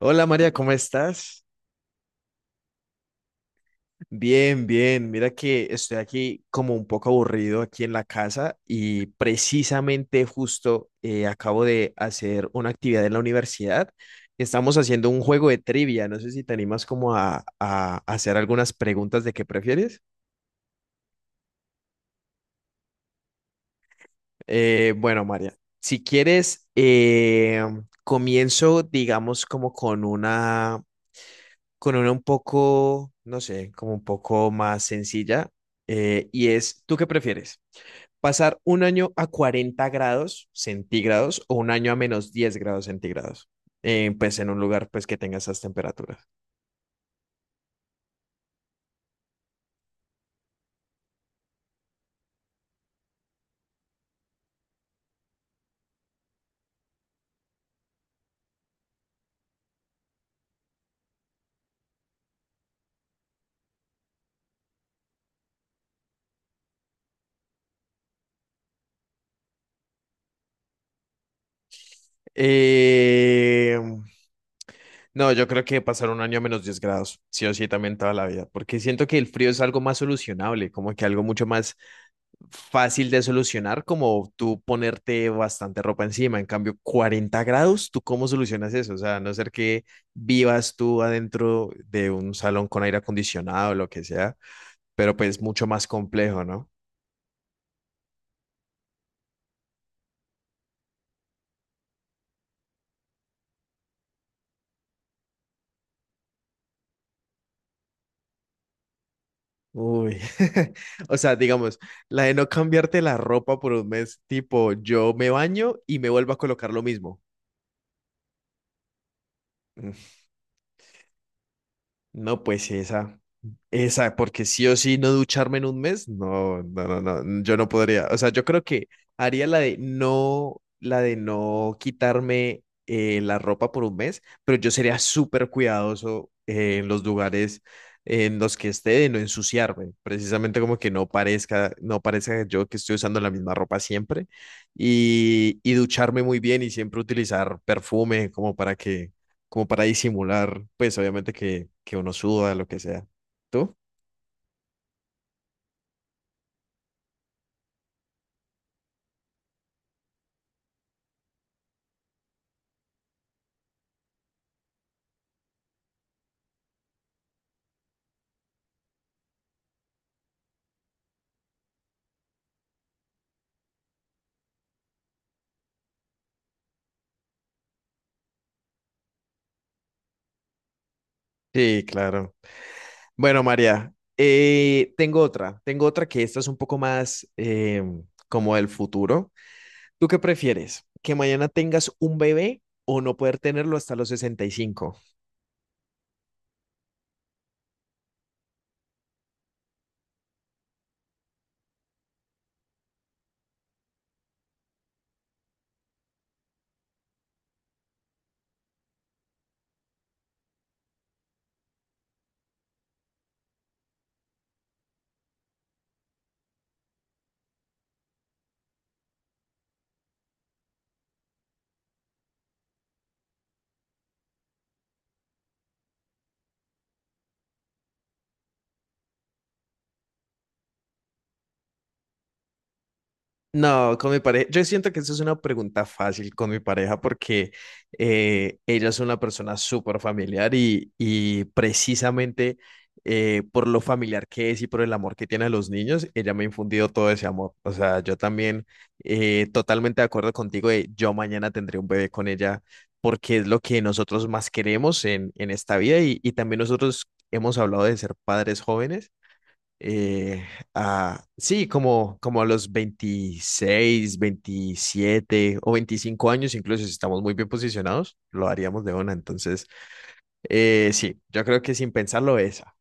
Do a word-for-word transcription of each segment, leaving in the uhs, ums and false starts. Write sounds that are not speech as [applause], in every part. Hola María, ¿cómo estás? Bien, bien. Mira que estoy aquí como un poco aburrido aquí en la casa y precisamente justo eh, acabo de hacer una actividad en la universidad. Estamos haciendo un juego de trivia. No sé si te animas como a, a hacer algunas preguntas de qué prefieres. Eh, bueno, María, si quieres, eh, comienzo digamos como con una... con una un poco, no sé, como un poco más sencilla, eh, y es, ¿tú qué prefieres? ¿Pasar un año a cuarenta grados centígrados o un año a menos diez grados centígrados? Eh, pues en un lugar pues que tenga esas temperaturas. Eh, no, yo creo que pasar un año a menos diez grados, sí o sí, también toda la vida, porque siento que el frío es algo más solucionable, como que algo mucho más fácil de solucionar como tú ponerte bastante ropa encima. En cambio, cuarenta grados, ¿tú cómo solucionas eso? O sea, a no ser que vivas tú adentro de un salón con aire acondicionado o lo que sea, pero pues mucho más complejo, ¿no? Uy, [laughs] o sea, digamos, la de no cambiarte la ropa por un mes, tipo, yo me baño y me vuelvo a colocar lo mismo. Mm, No, pues sí, esa, esa, porque sí o sí no ducharme en un mes, no, no, no, no, yo no podría. O sea, yo creo que haría la de no, la de no quitarme eh, la ropa por un mes, pero yo sería súper cuidadoso eh, en los lugares en los que esté de no ensuciarme, precisamente como que no parezca, no parezca yo que estoy usando la misma ropa siempre y, y ducharme muy bien y siempre utilizar perfume como para que como para disimular, pues obviamente que, que uno suda, lo que sea. ¿Tú? Sí, claro. Bueno, María, eh, tengo otra, tengo otra que esta es un poco más eh, como del futuro. ¿Tú qué prefieres? ¿Que mañana tengas un bebé o no poder tenerlo hasta los sesenta y cinco? No, con mi pareja, yo siento que eso es una pregunta fácil con mi pareja porque eh, ella es una persona súper familiar y, y precisamente eh, por lo familiar que es y por el amor que tiene a los niños, ella me ha infundido todo ese amor. O sea, yo también eh, totalmente de acuerdo contigo de yo mañana tendré un bebé con ella porque es lo que nosotros más queremos en, en esta vida y, y también nosotros hemos hablado de ser padres jóvenes. Eh, ah, sí, como, como a los veintiséis veintisiete o veinticinco años, incluso si estamos muy bien posicionados, lo haríamos de una. Entonces, eh, sí, yo creo que sin pensarlo esa.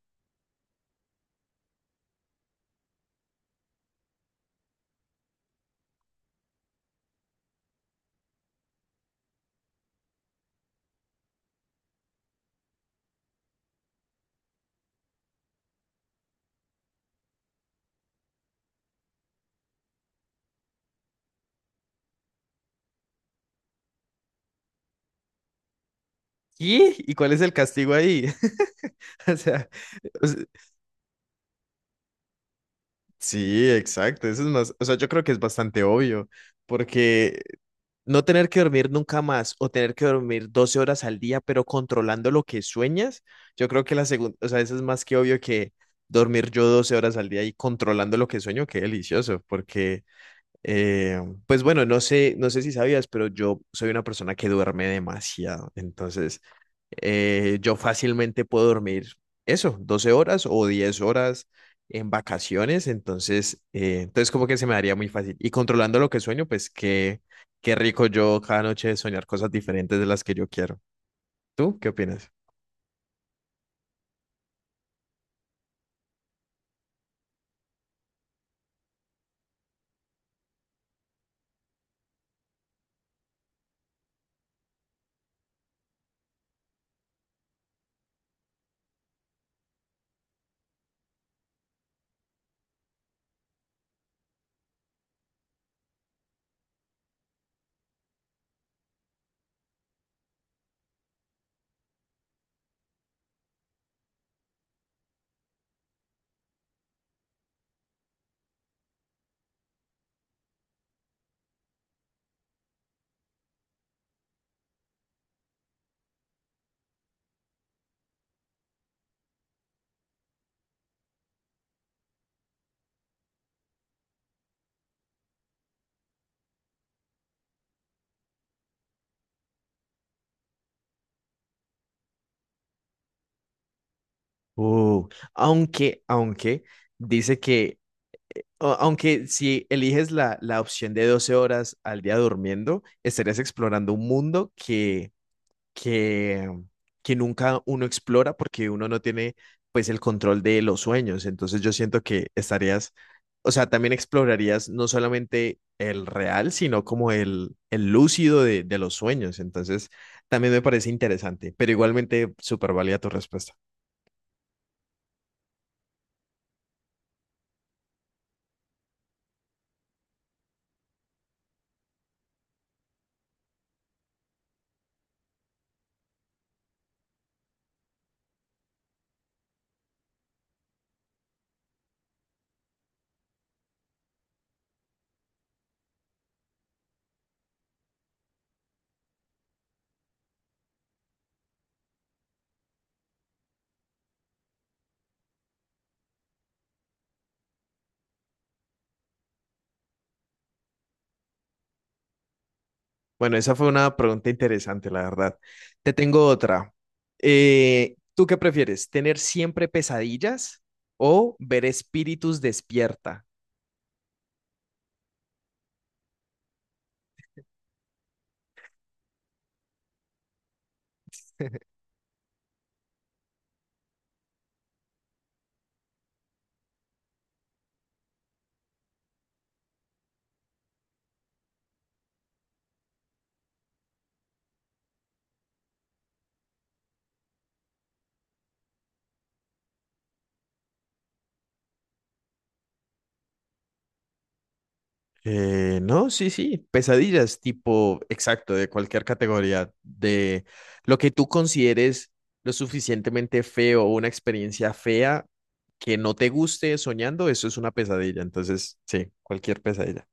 ¿Y? ¿Y cuál es el castigo ahí? [laughs] O sea, sí, exacto. Eso es más, o sea, yo creo que es bastante obvio, porque no tener que dormir nunca más o tener que dormir doce horas al día, pero controlando lo que sueñas, yo creo que la segunda, o sea, eso es más que obvio que dormir yo doce horas al día y controlando lo que sueño, qué delicioso, porque eh, pues bueno, no sé, no sé si sabías, pero yo soy una persona que duerme demasiado. Entonces, eh, yo fácilmente puedo dormir eso, doce horas o diez horas en vacaciones. Entonces, eh, entonces como que se me daría muy fácil. Y controlando lo que sueño, pues qué, qué rico yo cada noche soñar cosas diferentes de las que yo quiero. ¿Tú qué opinas? Uh, aunque, aunque dice que O- aunque si eliges la, la opción de doce horas al día durmiendo, estarías explorando un mundo que, que, que nunca uno explora porque uno no tiene pues el control de los sueños. Entonces yo siento que estarías, o sea, también explorarías no solamente el real, sino como el, el lúcido de, de los sueños. Entonces también me parece interesante, pero igualmente súper válida tu respuesta. Bueno, esa fue una pregunta interesante, la verdad. Te tengo otra. Eh, ¿tú qué prefieres? ¿Tener siempre pesadillas o ver espíritus despierta? Eh, no, sí, sí, pesadillas, tipo, exacto, de cualquier categoría, de lo que tú consideres lo suficientemente feo o una experiencia fea que no te guste soñando, eso es una pesadilla. Entonces, sí, cualquier pesadilla.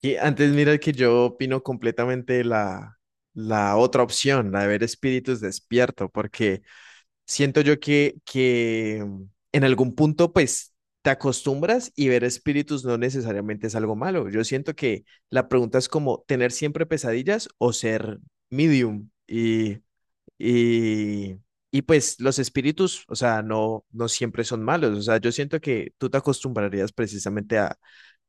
Y antes mira que yo opino completamente la, la otra opción, la de ver espíritus despierto, porque siento yo que, que mm, en algún punto pues te acostumbras y ver espíritus no necesariamente es algo malo. Yo siento que la pregunta es como tener siempre pesadillas o ser medium. Y y, y pues los espíritus, o sea, no, no siempre son malos. O sea, yo siento que tú te acostumbrarías precisamente a,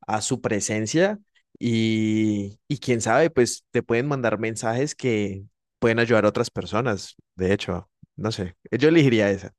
a su presencia y, y quién sabe, pues te pueden mandar mensajes que pueden ayudar a otras personas. De hecho, no sé, yo elegiría esa.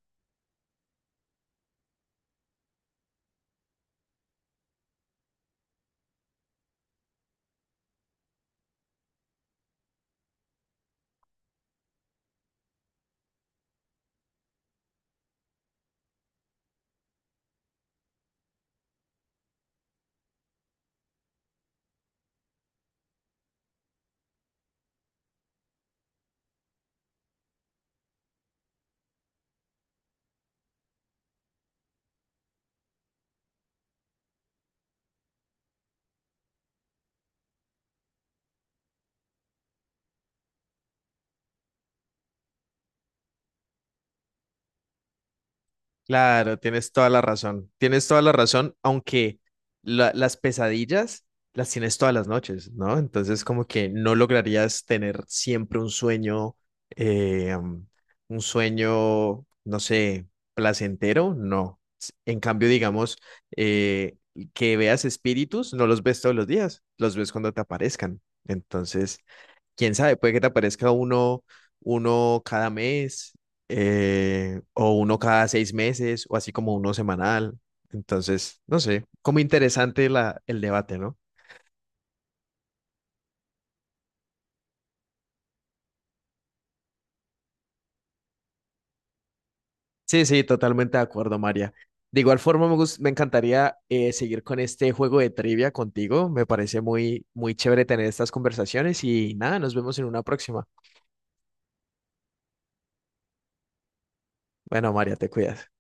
Claro, tienes toda la razón. Tienes toda la razón, aunque la- las pesadillas las tienes todas las noches, ¿no? Entonces, como que no lograrías tener siempre un sueño, eh, um, un sueño, no sé, placentero, no. S- En cambio, digamos, eh, que veas espíritus, no los ves todos los días, los ves cuando te aparezcan. Entonces, quién sabe, puede que te aparezca uno, uno cada mes, eh, o uno cada seis meses, o así como uno semanal. Entonces, no sé, como interesante la, el debate, ¿no? Sí, sí, totalmente de acuerdo, María. De igual forma, me, gus- me encantaría eh, seguir con este juego de trivia contigo. Me parece muy, muy chévere tener estas conversaciones y nada, nos vemos en una próxima. Bueno, María, te cuidas.